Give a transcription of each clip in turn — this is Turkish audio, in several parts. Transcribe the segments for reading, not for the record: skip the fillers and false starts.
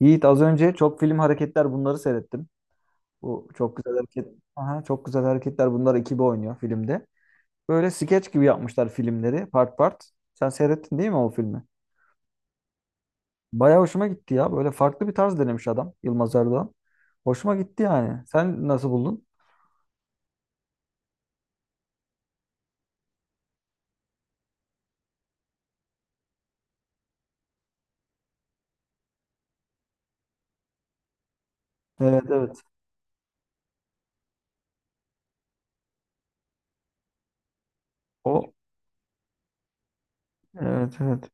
Yiğit az önce çok film hareketler bunları seyrettim. Bu çok güzel hareket. Aha, çok güzel hareketler bunlar ekibi oynuyor filmde. Böyle skeç gibi yapmışlar filmleri part part. Sen seyrettin değil mi o filmi? Bayağı hoşuma gitti ya. Böyle farklı bir tarz denemiş adam Yılmaz Erdoğan. Hoşuma gitti yani. Sen nasıl buldun? Evet, evet. O evet, evet.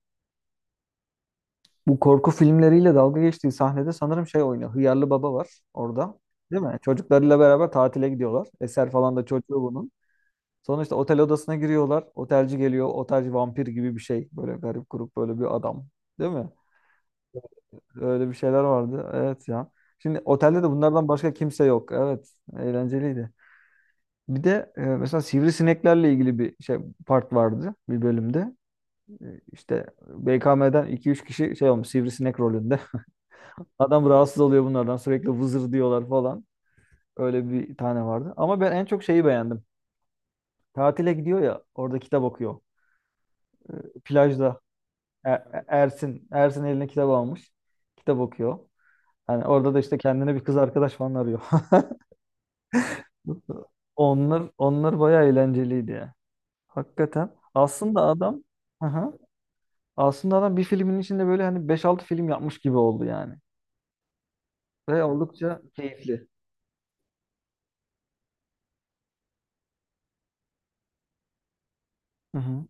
Bu korku filmleriyle dalga geçtiği sahnede sanırım şey oynuyor. Hıyarlı Baba var orada. Değil mi? Çocuklarıyla beraber tatile gidiyorlar. Eser falan da çocuğu bunun. Sonra işte otel odasına giriyorlar. Otelci geliyor. Otelci vampir gibi bir şey. Böyle garip grup böyle bir adam. Değil mi? Öyle bir şeyler vardı. Evet ya. Şimdi otelde de bunlardan başka kimse yok. Evet. Eğlenceliydi. Bir de mesela sivrisineklerle ilgili bir şey part vardı bir bölümde. İşte BKM'den iki üç kişi şey olmuş sivrisinek rolünde. Adam rahatsız oluyor bunlardan. Sürekli vızır diyorlar falan. Öyle bir tane vardı. Ama ben en çok şeyi beğendim. Tatile gidiyor ya orada kitap okuyor. Plajda. Ersin, Ersin eline kitap almış. Kitap okuyor. Yani orada da işte kendine bir kız arkadaş falan arıyor. Onlar bayağı eğlenceliydi ya. Hakikaten. Aslında adam hı hı. Aslında adam bir filmin içinde böyle hani beş altı film yapmış gibi oldu yani. Ve oldukça keyifli. Hı hı.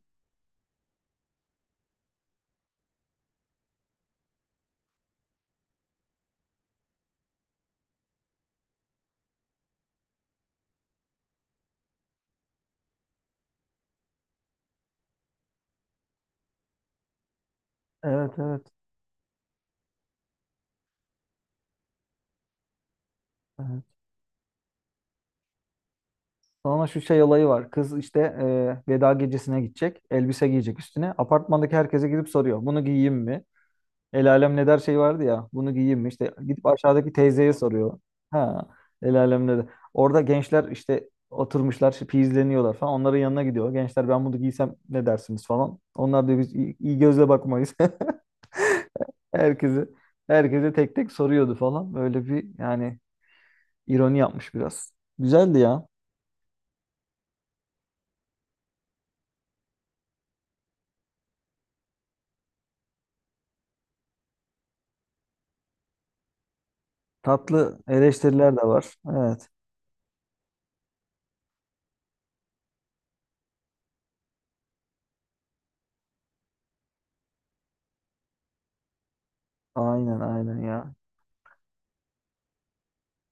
Evet, evet. Evet. Sonra şu şey olayı var. Kız işte veda gecesine gidecek. Elbise giyecek üstüne. Apartmandaki herkese gidip soruyor. Bunu giyeyim mi? El alem ne der şey vardı ya. Bunu giyeyim mi? İşte gidip aşağıdaki teyzeye soruyor. Ha, el alem ne der. Orada gençler işte oturmuşlar, işte izleniyorlar falan. Onların yanına gidiyor. Gençler ben bunu giysem ne dersiniz falan. Onlar da biz iyi, iyi gözle bakmayız. Herkese, herkese tek tek soruyordu falan. Böyle bir yani ironi yapmış biraz. Güzeldi ya. Tatlı eleştiriler de var. Evet. Aynen, aynen ya.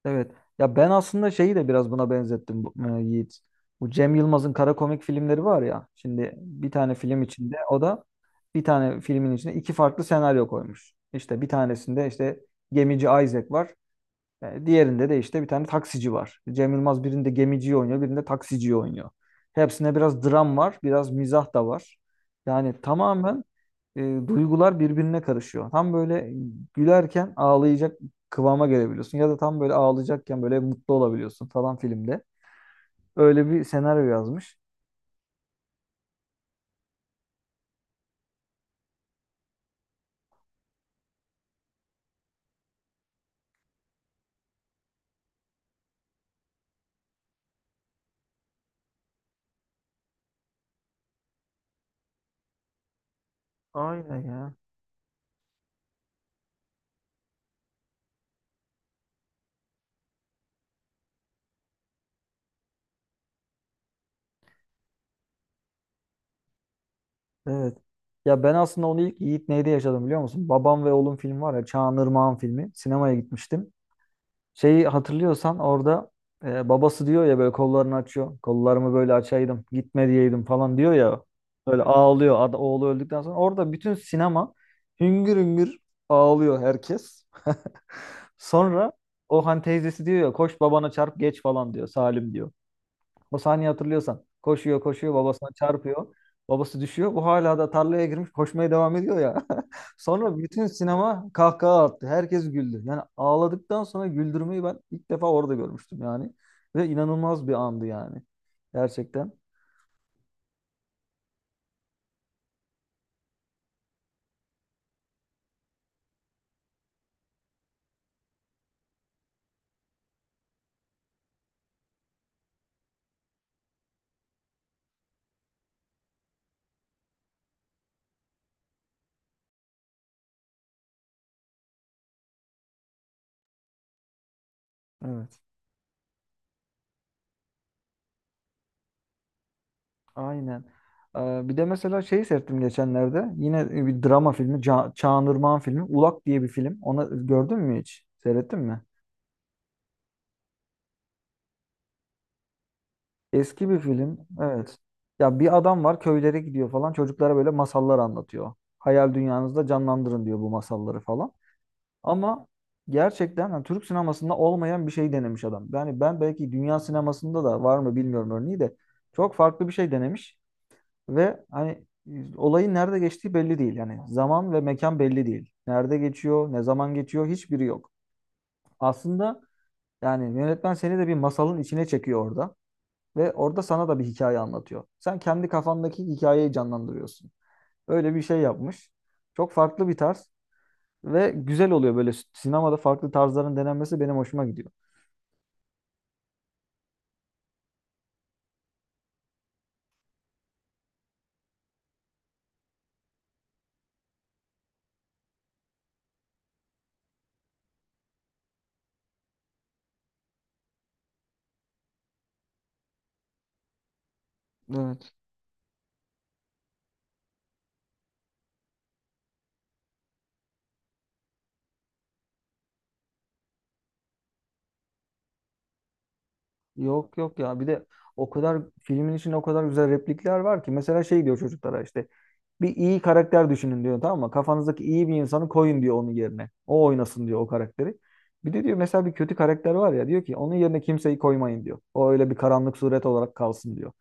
Evet. Ya ben aslında şeyi de biraz buna benzettim Yiğit. Bu Cem Yılmaz'ın kara komik filmleri var ya. Şimdi bir tane film içinde o da bir tane filmin içine iki farklı senaryo koymuş. İşte bir tanesinde işte gemici Isaac var. Diğerinde de işte bir tane taksici var. Cem Yılmaz birinde gemiciyi oynuyor, birinde taksiciyi oynuyor. Hepsinde biraz dram var, biraz mizah da var. Yani tamamen e, duygular birbirine karışıyor. Tam böyle gülerken ağlayacak kıvama gelebiliyorsun ya da tam böyle ağlayacakken böyle mutlu olabiliyorsun falan filmde. Öyle bir senaryo yazmış. Aynen ya. Evet. Ya ben aslında onu ilk Yiğit Ney'de yaşadım biliyor musun? Babam ve Oğlum film var ya Çağan Irmak'ın filmi. Sinemaya gitmiştim. Şeyi hatırlıyorsan orada babası diyor ya böyle kollarını açıyor. Kollarımı böyle açaydım, gitme diyeydim falan diyor ya. Böyle ağlıyor. Oğlu öldükten sonra orada bütün sinema hüngür hüngür ağlıyor herkes. Sonra o hani teyzesi diyor ya koş babana çarp geç falan diyor. Salim diyor. O sahneyi hatırlıyorsan. Koşuyor koşuyor babasına çarpıyor. Babası düşüyor. Bu hala da tarlaya girmiş koşmaya devam ediyor ya. Sonra bütün sinema kahkaha attı. Herkes güldü. Yani ağladıktan sonra güldürmeyi ben ilk defa orada görmüştüm yani. Ve inanılmaz bir andı yani. Gerçekten. Evet. Aynen. Bir de mesela şeyi seyrettim geçenlerde. Yine bir drama filmi. Çağan Irmak'ın filmi. Ulak diye bir film. Ona gördün mü hiç? Seyrettin mi? Eski bir film. Evet. Ya bir adam var köylere gidiyor falan. Çocuklara böyle masallar anlatıyor. Hayal dünyanızda canlandırın diyor bu masalları falan. Ama gerçekten hani Türk sinemasında olmayan bir şey denemiş adam. Yani ben belki dünya sinemasında da var mı bilmiyorum örneği de çok farklı bir şey denemiş ve hani olayın nerede geçtiği belli değil. Yani zaman ve mekan belli değil. Nerede geçiyor, ne zaman geçiyor hiçbiri yok. Aslında yani yönetmen seni de bir masalın içine çekiyor orada. Ve orada sana da bir hikaye anlatıyor. Sen kendi kafandaki hikayeyi canlandırıyorsun. Öyle bir şey yapmış. Çok farklı bir tarz ve güzel oluyor böyle sinemada farklı tarzların denenmesi benim hoşuma gidiyor. Evet. Yok, yok ya bir de o kadar filmin içinde o kadar güzel replikler var ki mesela şey diyor çocuklara işte bir iyi karakter düşünün diyor tamam mı? Kafanızdaki iyi bir insanı koyun diyor onun yerine. O oynasın diyor o karakteri. Bir de diyor mesela bir kötü karakter var ya diyor ki onun yerine kimseyi koymayın diyor. O öyle bir karanlık suret olarak kalsın diyor.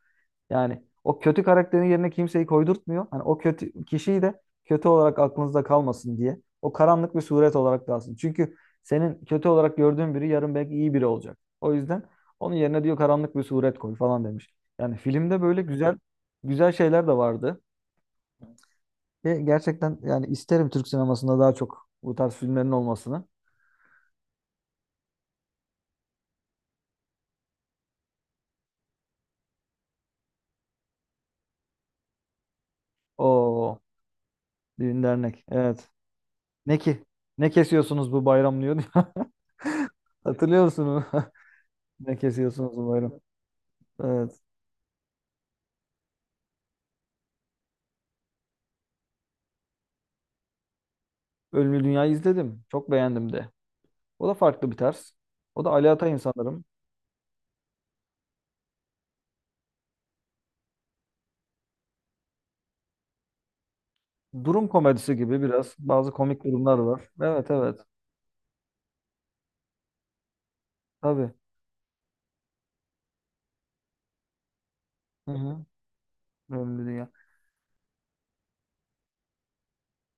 Yani o kötü karakterin yerine kimseyi koydurtmuyor. Hani o kötü kişiyi de kötü olarak aklınızda kalmasın diye. O karanlık bir suret olarak kalsın. Çünkü senin kötü olarak gördüğün biri yarın belki iyi biri olacak. O yüzden onun yerine diyor karanlık bir suret koy falan demiş. Yani filmde böyle güzel şeyler de vardı. Ve gerçekten yani isterim Türk sinemasında daha çok bu tarz filmlerin olmasını. O düğün dernek. Evet. Ne ki? Ne kesiyorsunuz bu bayram diyor. Hatırlıyor musunuz? Ne kesiyorsunuz bu bayram? Evet. Ölümlü Dünya'yı izledim. Çok beğendim de. O da farklı bir tarz. O da Ali Atay'ın sanırım. Durum komedisi gibi biraz. Bazı komik durumlar var. Evet, evet. Tabii. Hı hı. Ölümlü Dünya.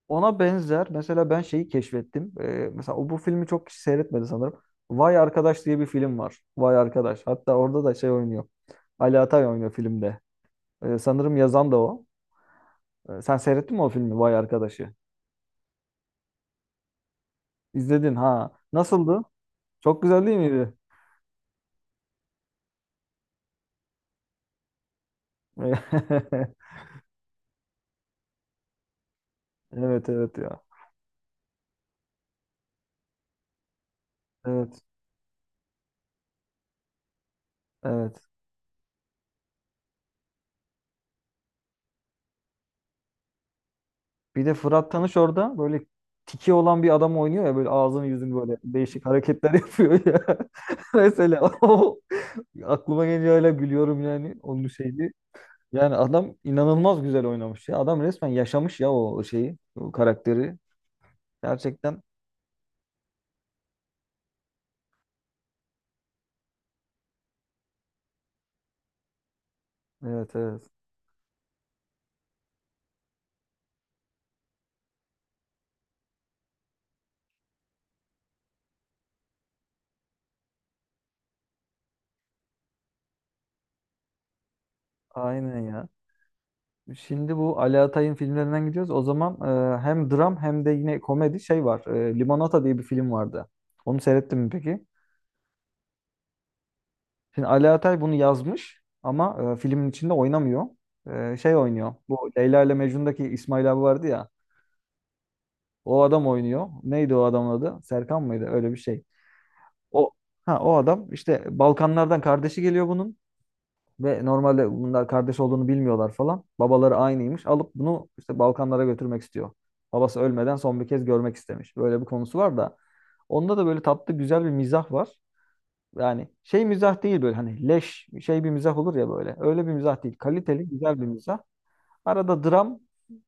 Ona benzer. Mesela ben şeyi keşfettim. Mesela o bu filmi çok kişi seyretmedi sanırım. Vay Arkadaş diye bir film var. Vay Arkadaş. Hatta orada da şey oynuyor. Ali Atay oynuyor filmde. Sanırım yazan da o. Sen seyrettin mi o filmi Vay Arkadaş'ı? İzledin ha. Nasıldı? Çok güzel değil miydi? Evet, evet ya. Evet, evet. Bir de Fırat Tanış orada böyle tiki olan bir adam oynuyor ya böyle ağzını yüzünü böyle değişik hareketler yapıyor ya. Mesela o aklıma geliyor öyle gülüyorum yani onun şeydi. Yani adam inanılmaz güzel oynamış ya. Adam resmen yaşamış ya o şeyi, o karakteri. Gerçekten evet, evet. Aynen ya. Şimdi bu Ali Atay'ın filmlerinden gidiyoruz. O zaman hem dram hem de yine komedi şey var. Limonata diye bir film vardı. Onu seyrettin mi peki? Şimdi Ali Atay bunu yazmış ama filmin içinde oynamıyor. Şey oynuyor. Bu Leyla ile Mecnun'daki İsmail abi vardı ya. O adam oynuyor. Neydi o adamın adı? Serkan mıydı? Öyle bir şey. O ha o adam işte Balkanlardan kardeşi geliyor bunun ve normalde bunlar kardeş olduğunu bilmiyorlar falan. Babaları aynıymış. Alıp bunu işte Balkanlara götürmek istiyor. Babası ölmeden son bir kez görmek istemiş. Böyle bir konusu var da onda da böyle tatlı güzel bir mizah var. Yani şey mizah değil böyle hani leş şey bir mizah olur ya böyle. Öyle bir mizah değil. Kaliteli güzel bir mizah. Arada dram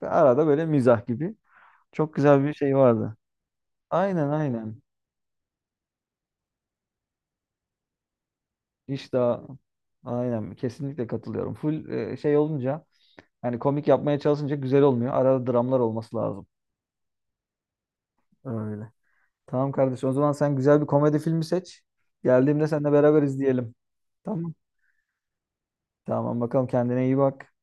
ve arada böyle mizah gibi. Çok güzel bir şey vardı. Aynen, aynen. Hiç daha aynen kesinlikle katılıyorum. Full şey olunca yani komik yapmaya çalışınca güzel olmuyor. Arada dramlar olması lazım. Öyle. Tamam kardeşim o zaman sen güzel bir komedi filmi seç. Geldiğimde seninle beraber izleyelim. Tamam. Tamam bakalım kendine iyi bak.